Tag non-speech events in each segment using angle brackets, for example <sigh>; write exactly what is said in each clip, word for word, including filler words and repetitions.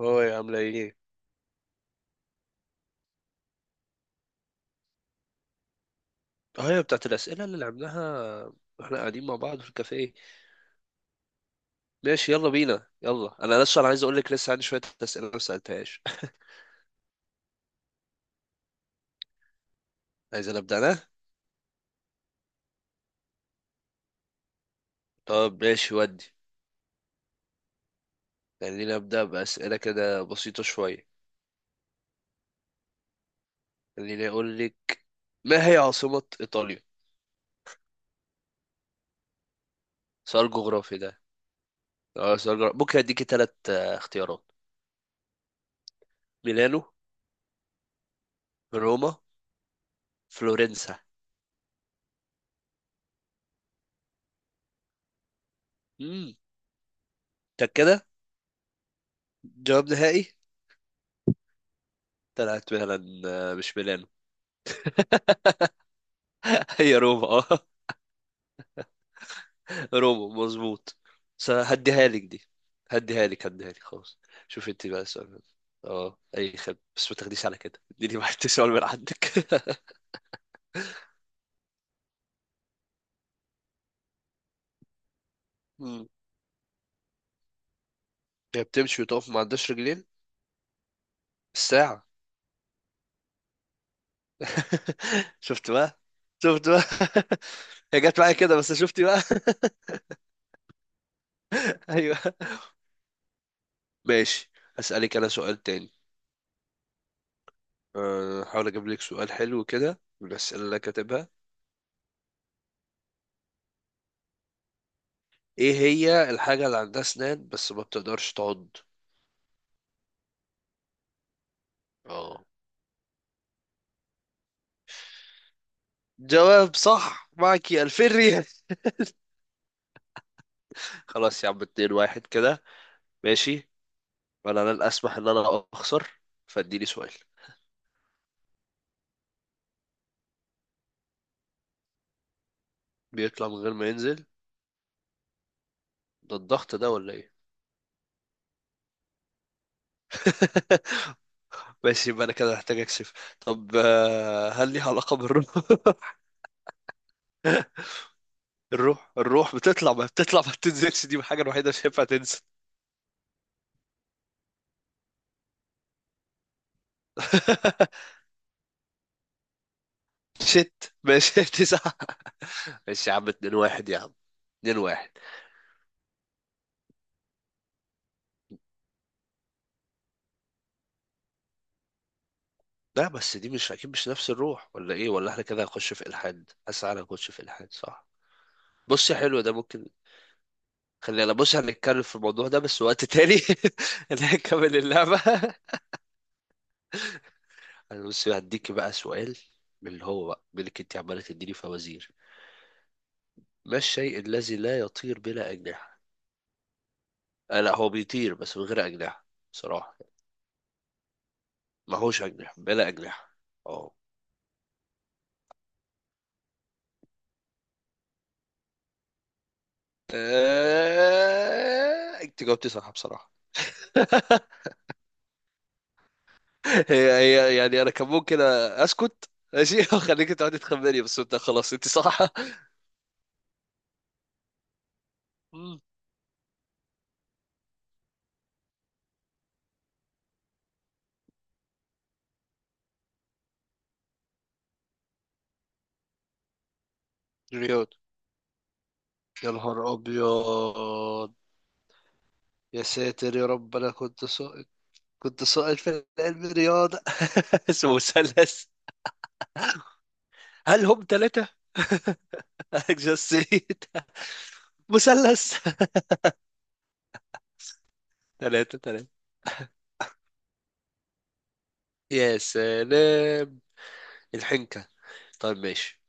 هو يا عاملة ايه؟ اه، هي بتاعت الأسئلة اللي لعبناها واحنا قاعدين مع بعض في الكافيه. ماشي، يلا بينا. يلا أنا لسه أنا عايز أقول لك لسه عندي شوية أسئلة ما سألتهاش. <laughs> عايز أنا أبدأ أنا؟ طب ماشي، ودي خليني أبدأ بأسئلة كده بسيطة شوية. خليني أقول لك، ما هي عاصمة إيطاليا؟ سؤال جغرافي ده. اه سؤال جغرافي، ممكن أديكي تلات آه، اختيارات. ميلانو، روما، فلورنسا. امم، كده جواب نهائي. طلعت فعلا آه، مش ميلانو. <laughs> هي روما اه. روبو مظبوط. بس هديها لك دي، هديها لك هديها لك خلاص. شوف انت بقى السؤال. اه اي خد، بس ما تاخديش على كده، اديني واحد سؤال من عندك. <laughs> مم. هي بتمشي وتقف ما عندهاش رجلين، الساعة. <laughs> شفت بقى، شفت بقى. <laughs> هي جت معايا كده، بس شفتي بقى. <laughs> ايوه، ماشي. اسالك انا سؤال تاني. أه، هحاول اجيب لك سؤال حلو كده من الاسئله اللي أنا كاتبها. ايه هي الحاجه اللي عندها اسنان بس ما بتقدرش تعض؟ اه، جواب صح، معك ألفين ريال. خلاص يا عم، اتنين واحد كده. ماشي. ولا انا الاسمح ان انا اخسر، فاديني سؤال. بيطلع من غير ما ينزل؟ ده الضغط ده ولا ايه؟ <laughs> ماشي، يبقى انا كده محتاج اكشف. طب آه، هل ليها علاقة بالروح؟ <laughs> الروح، الروح بتطلع ما بتطلع ما بتنزلش، دي الحاجة الوحيدة اللي مش هينفع تنزل. <laughs> شت ماشي <laughs> تسعة. ماشي يا عم، اتنين واحد يا عم، اتنين واحد. لا بس دي مش اكيد مش نفس الروح ولا ايه، ولا احنا كده هنخش في الحاد؟ حاسس انا هنخش في الحاد، صح. بص يا حلو، ده ممكن. خلينا بص هنتكلم في الموضوع ده بس وقت تاني. <laughs> اللي هنكمل اللعبة. <laughs> انا بص هديك بقى سؤال، من اللي هو بقى منك انت عمالة تديني فوازير. ما الشيء الذي لا يطير بلا أجنحة؟ آه لا، هو بيطير بس من غير أجنحة. بصراحة ما هوش أجنحة، بلا أجنحة. اه. آه، انت جاوبتي صح بصراحة. <laughs> هي هي يعني انا كان ممكن اسكت، ماشي، <laughs> وخليك تقعدي تخمني، بس انت خلاص انت صح. مم. رياض. يا نهار ابيض، يا ساتر يا رب، انا كنت سائل، كنت سائل في علم الرياضه. <laughs> اسمه مثلث. هل هم ثلاثه؟ <laughs> just three. مثلث. <laughs> ثلاثه ثلاثه. يا سلام، الحنكه. طيب ماشي.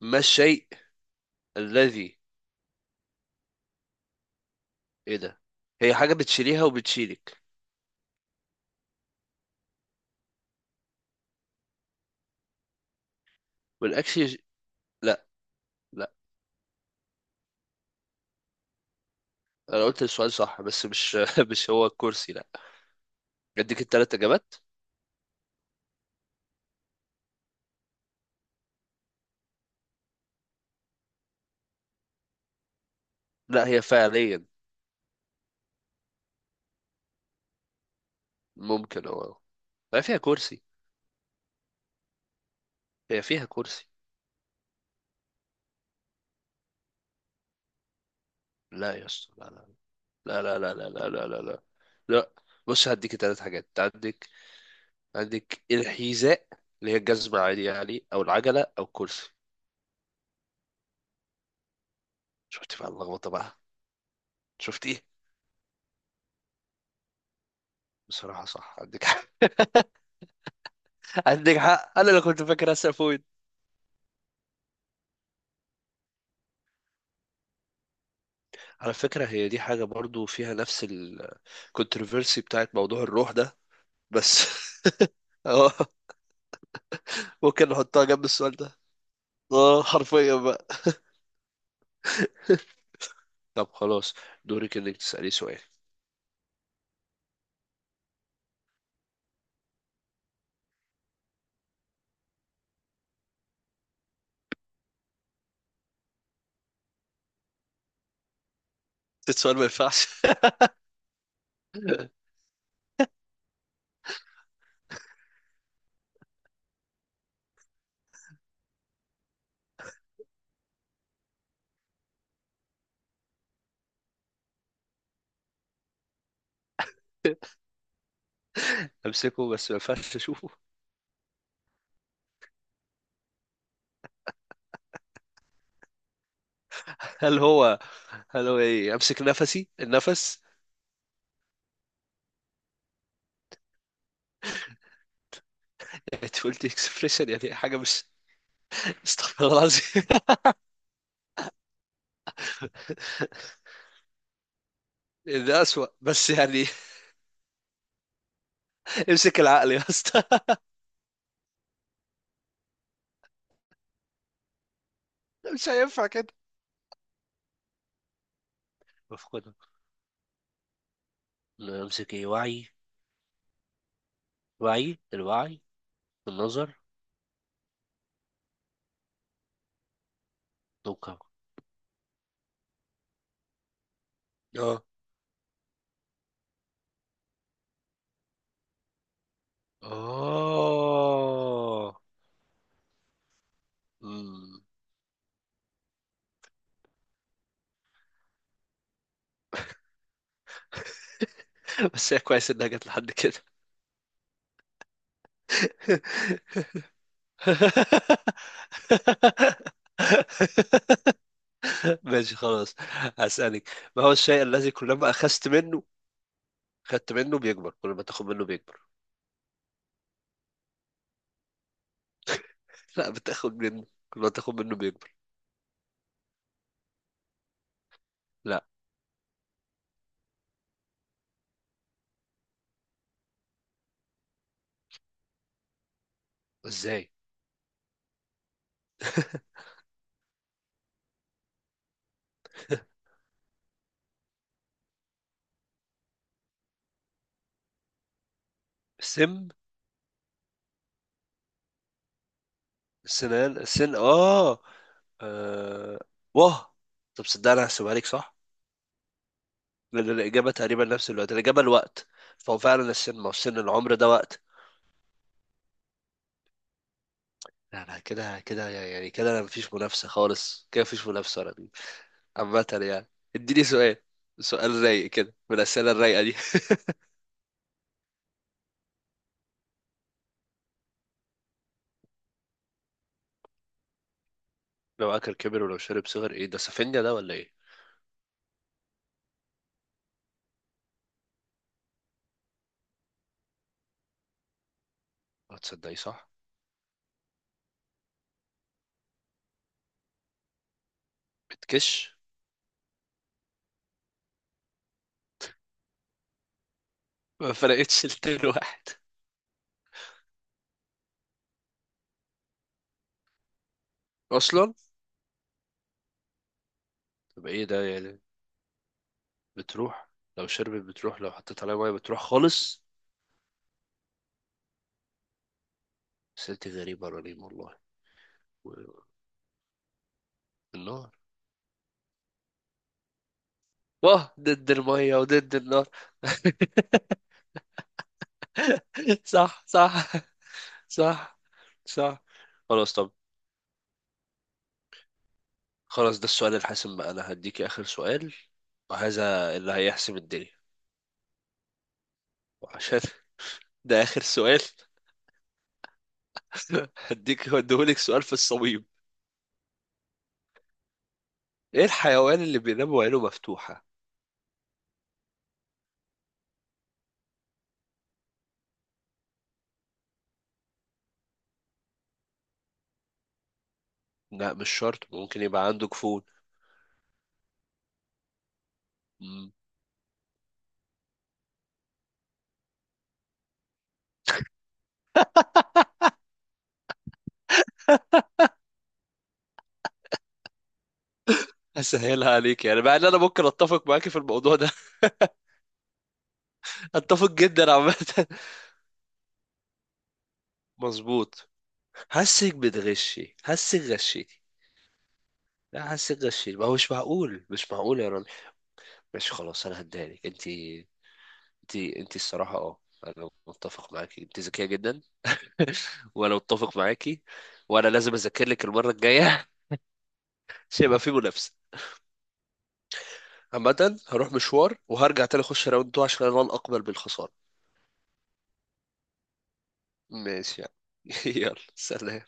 ما الشيء الذي، ايه ده؟ هي حاجه بتشيليها وبتشيلك. والاكل يش- لا. انا قلت السؤال صح، بس مش <laughs> مش هو الكرسي، لا. اديك التلات اجابات. لا، هي فعليا. ممكن هو، هي فيها كرسي، هي فيها كرسي. لا يا اسطى، لا لا لا لا لا لا لا لا لا لا. لا. بص هديك تلات حاجات عندك. عندك الحذاء اللي هي الجزمة عادي يعني، او العجلة، او الكرسي. شفت بقى اللخبطة بقى، شفت ايه. بصراحة صح، عندك حق. <laughs> عندك حق، انا اللي كنت فاكر اسال فويد. على فكرة، هي دي حاجة برضو فيها نفس الكونتروفيرسي بتاعت موضوع الروح ده، بس <laughs> اه. ممكن نحطها جنب السؤال ده. اه حرفيا بقى. <laughs> طب خلاص، دورك انك تسألي سؤال. السؤال ما ينفعش. <laughs> امسكه بس ما ينفعش اشوفه؟ هل هو هل هو ايه، امسك نفسي، النفس؟ انت قلت اكسبريشن يعني حاجه مش، استغفر الله العظيم. <laughs> ده اسوأ بس يعني. <laughs> امسك العقل يا اسطى. <laughs> مش هينفع كده. بفقدها؟ امسك ايه، وعي؟ وعي، الوعي. النظر. توقع. اه. اه. مم. بس هي كويس انها جت لحد كده. <laughs> ماشي خلاص، هسألك. ما هو الشيء الذي كلما أخذت منه، خدت منه بيكبر، كل ما تاخد منه بيكبر. لا بتاخد منه، كل ما تاخد منه بيكبر. لا. ازاي؟ <laughs> سم. سنان، سن، اه. آه، واه. طب صدق، انا هحسبها لك صح. لان الاجابه تقريبا نفس الوقت، الاجابه الوقت، فهو فعلا السن، ما هو سن العمر ده وقت. لا لا، كده كده يعني، كده انا مفيش منافسة خالص، كده مفيش منافسة ولا دي. عامة يعني. اديني سؤال، سؤال رايق كده من الأسئلة الرايقة دي. <laughs> لو أكل كبر ولو شرب صغر، ايه ده، سفنجة ده ولا ايه؟ هتصدقي صح؟ بتكش. <laughs> ما فرقتش التين واحد. أصلا. طب ايه ده يعني، بتروح؟ لو شربت بتروح، لو حطيت عليها مية بتروح خالص. سألتي غريبة رنيم والله. و- النار. واه، ضد المية وضد النار. <laughs> صح صح، صح صح. خلاص، طب خلاص، ده السؤال الحاسم بقى، انا هديك اخر سؤال، وهذا اللي هيحسم الدنيا. وعشان ده اخر سؤال، <laughs> هديك هديهولك سؤال في الصميم. ايه الحيوان اللي بينام وعينه مفتوحة؟ لا مش شرط، ممكن يبقى عنده جفون. مم. <laughs> هسهلها عليك يعني، مع ان انا ممكن اتفق معاكي في الموضوع ده. <laughs> اتفق جدا عامة. <laughs> مظبوط. حاسك بتغشي، حاسك غشيتي. لا حاسك غشيتي، ما هو مش معقول، مش معقول يا رامي. ماشي خلاص، انا هديها لك. انت انت انت الصراحة اه، انا متفق معاكي، انت ذكية جدا. <laughs> وانا متفق معاكي، وانا لازم اذاكر لك المرة الجاية <laughs> عشان يبقى في منافسة. عامة هروح مشوار وهرجع تاني، اخش راوند اتنين، عشان انا لن اقبل بالخسارة. ماشي يعني. <laughs> يلا سلام.